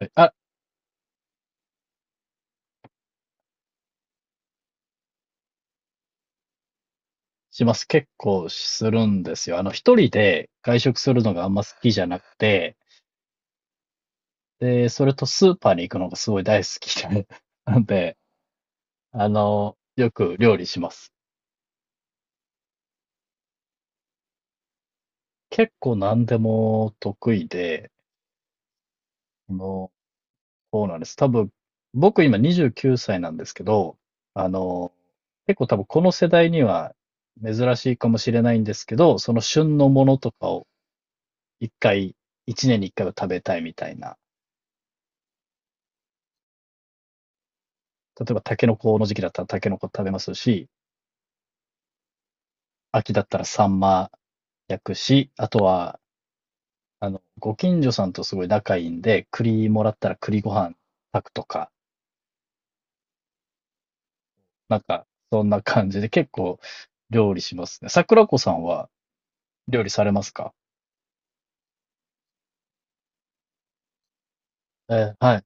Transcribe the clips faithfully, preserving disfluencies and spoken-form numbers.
はい。あ、します。結構するんですよ。あの、一人で外食するのがあんま好きじゃなくて、で、それとスーパーに行くのがすごい大好きで、なんで、あの、よく料理します。結構何でも得意で、あの、そうなんです。多分、僕今にじゅうきゅうさいなんですけど、あの、結構多分この世代には珍しいかもしれないんですけど、その旬のものとかを一回、一年に一回は食べたいみたいな。例えばタケノコの時期だったらタケノコ食べますし、秋だったらサンマ焼くし、あとは、あの、ご近所さんとすごい仲いいんで、栗もらったら栗ご飯炊くとか、なんか、そんな感じで結構料理しますね。桜子さんは料理されますか？えー、はい、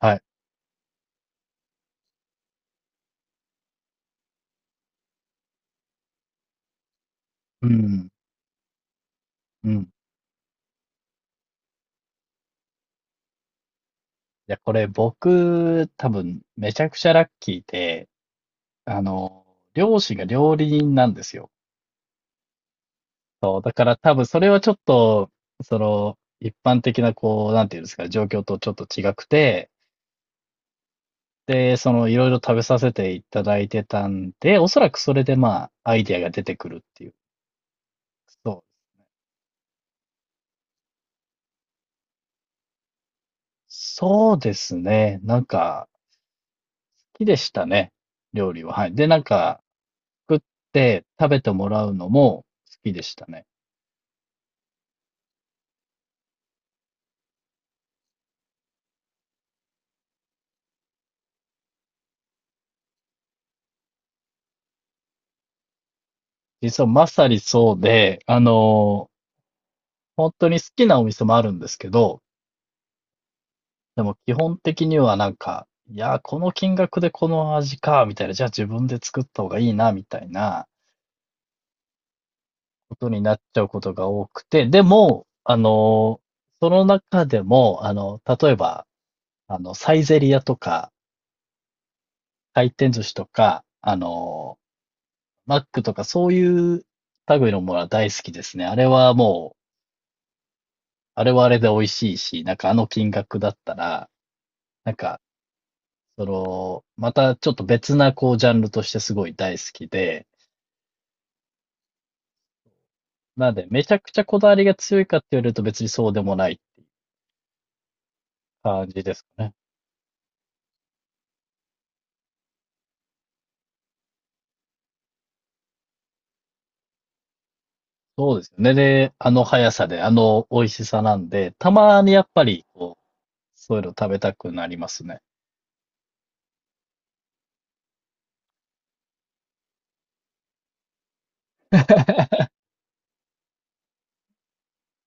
はい。うん、うん。いや、これ僕、多分、めちゃくちゃラッキーで、あの、両親が料理人なんですよ。そうだから多分それはちょっと、その、一般的なこう、なんていうんですか、状況とちょっと違くて、で、その、いろいろ食べさせていただいてたんで、おそらくそれでまあ、アイディアが出てくるっていう。そう。そうですね。なんか、好きでしたね。料理は。はい。で、なんか、作って食べてもらうのも好きでしたね。実はまさにそうで、あの、本当に好きなお店もあるんですけど、でも基本的にはなんか、いや、この金額でこの味か、みたいな、じゃあ自分で作った方がいいな、みたいなことになっちゃうことが多くて、でも、あの、その中でも、あの、例えば、あの、サイゼリヤとか、回転寿司とか、あの、マックとか、そういう類のものは大好きですね。あれはもう、あれはあれで美味しいし、なんかあの金額だったら、なんか、その、またちょっと別なこうジャンルとしてすごい大好きで、なんで、めちゃくちゃこだわりが強いかって言われると別にそうでもない感じですかね。そうですよね。で、あの速さで、あの美味しさなんで、たまにやっぱり、こう、そういうの食べたくなりますね。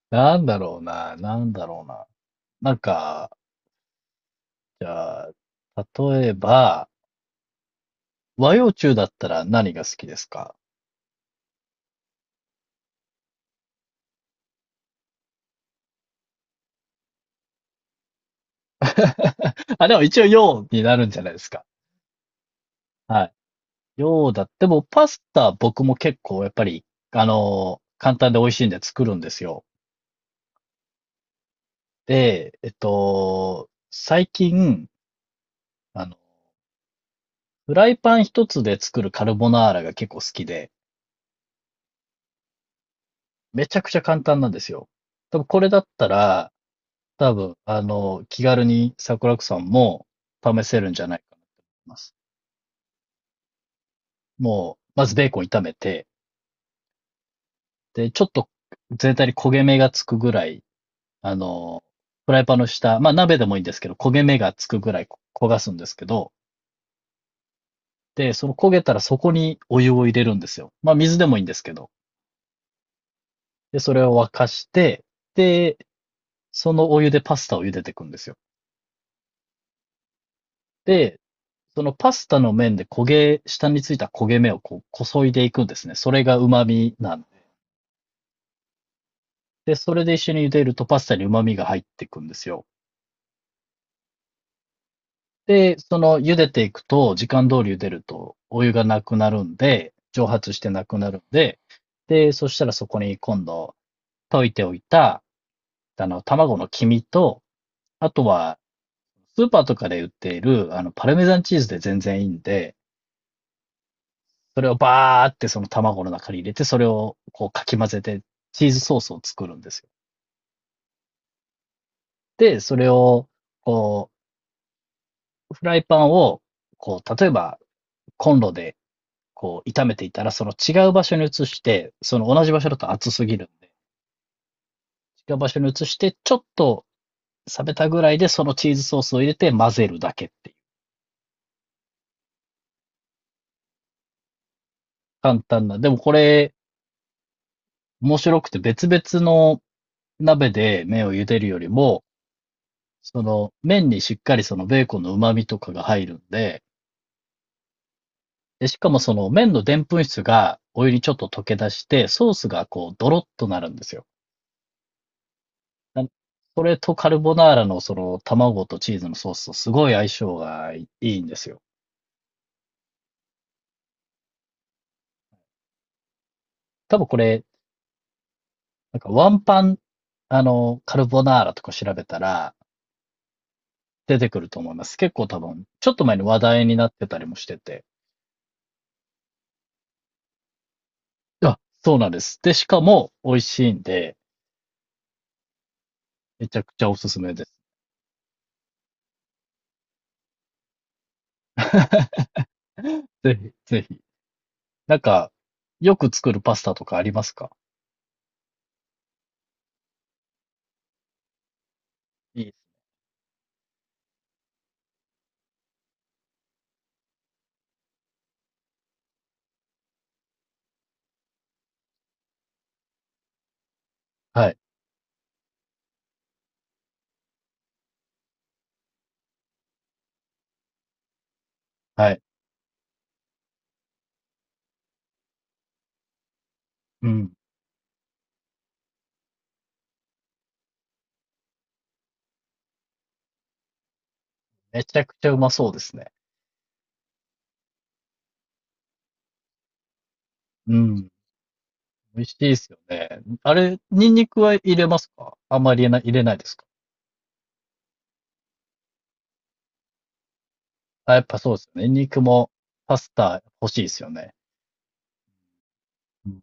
なんだろうな、なんだろうな。なんか、じゃあ、例えば、和洋中だったら何が好きですか？ あ、でも一応洋になるんじゃないですか。はい。洋だって。でもパスタ僕も結構やっぱり、あの、簡単で美味しいんで作るんですよ。で、えっと、最近、あの、フライパン一つで作るカルボナーラが結構好きで、めちゃくちゃ簡単なんですよ。多分これだったら、多分、あの、気軽に桜子さんも試せるんじゃないかなと思います。もう、まずベーコン炒めて、で、ちょっと全体に焦げ目がつくぐらい、あの、フライパンの下、まあ鍋でもいいんですけど、焦げ目がつくぐらいこ焦がすんですけど、で、その焦げたらそこにお湯を入れるんですよ。まあ水でもいいんですけど。で、それを沸かして、で、そのお湯でパスタを茹でていくんですよ。で、そのパスタの面で焦げ、下についた焦げ目をこう、こそいでいくんですね。それが旨味なんで。で、それで一緒に茹でるとパスタに旨味が入っていくんですよ。で、その茹でていくと、時間通り茹でると、お湯がなくなるんで、蒸発してなくなるんで、で、そしたらそこに今度、溶いておいた、あの、卵の黄身と、あとは、スーパーとかで売っている、あの、パルメザンチーズで全然いいんで、それをバーってその卵の中に入れて、それをこうかき混ぜて、チーズソースを作るんですよ。で、それを、こう、フライパンを、こう、例えばコンロでこう炒めていたら、その違う場所に移して、その同じ場所だと熱すぎるんで、違う場所に移して、ちょっと冷めたぐらいでそのチーズソースを入れて混ぜるだけっていう。簡単な。でもこれ、面白くて別々の鍋で麺を茹でるよりも、その麺にしっかりそのベーコンの旨味とかが入るんで、で、しかもその麺のでんぷん質がお湯にちょっと溶け出して、ソースがこうドロッとなるんですよ。なそれとカルボナーラのその卵とチーズのソースとすごい相性がいいいんですよ。多分これ、なんかワンパン、あの、カルボナーラとか調べたら出てくると思います。結構多分、ちょっと前に話題になってたりもしてて。あ、そうなんです。で、しかも美味しいんで、めちゃくちゃおすすめです。ぜひ、ぜひ。なんか、よく作るパスタとかありますか？はい、はい。うん。めちゃくちゃうまそうですね。うん。美味しいですよね。あれ、ニンニクは入れますか？あんまり入れない、入れないですか？あ、やっぱそうですよね。ニンニクもパスタ欲しいですよね。うん。い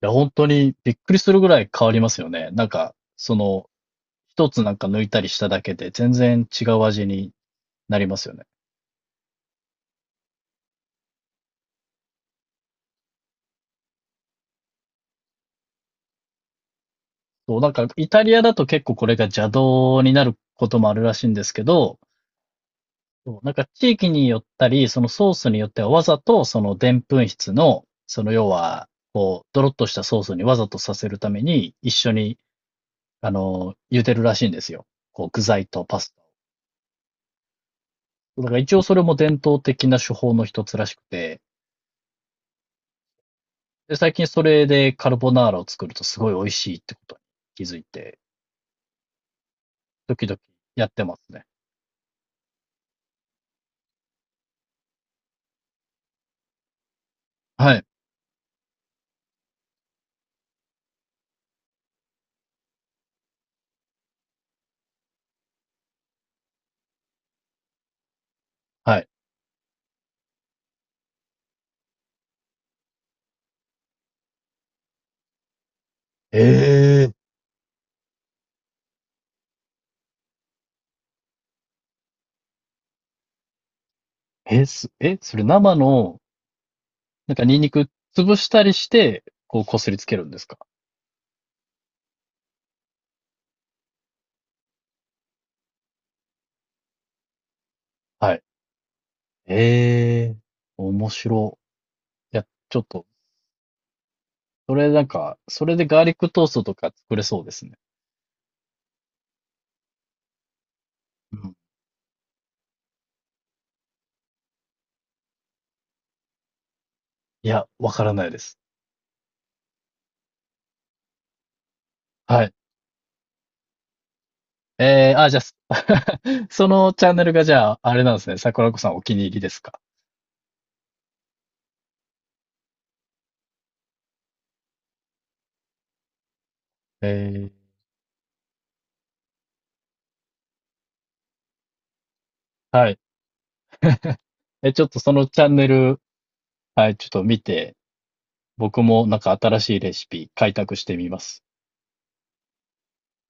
や、本当にびっくりするぐらい変わりますよね。なんか、その、一つなんか抜いたりしただけで全然違う味になりますよね。そう、なんかイタリアだと結構これが邪道になることもあるらしいんですけど、そうなんか地域によったり、そのソースによってはわざとそのでんぷん質の、その要は、こう、ドロッとしたソースにわざとさせるために一緒に、あの、茹でるらしいんですよ。こう、具材とパスタを。だから一応それも伝統的な手法の一つらしくて、で、最近それでカルボナーラを作るとすごい美味しいってことに気づいて、時々やってますね。はい。はい。えええ、す、え、それ生の、なんかニンニク潰したりして、こう、こすりつけるんですか？はい。ええ、面白。いや、ちょっと、それなんか、それでガーリックトーストとか作れそうですね。うん。いや、わからないです。はい。えーあ、じゃあ、す そのチャンネルがじゃあ、あれなんですね。桜子さんお気に入りですか。ええ、はい。え、ちょっとそのチャンネル、はい、ちょっと見て、僕もなんか新しいレシピ開拓してみます。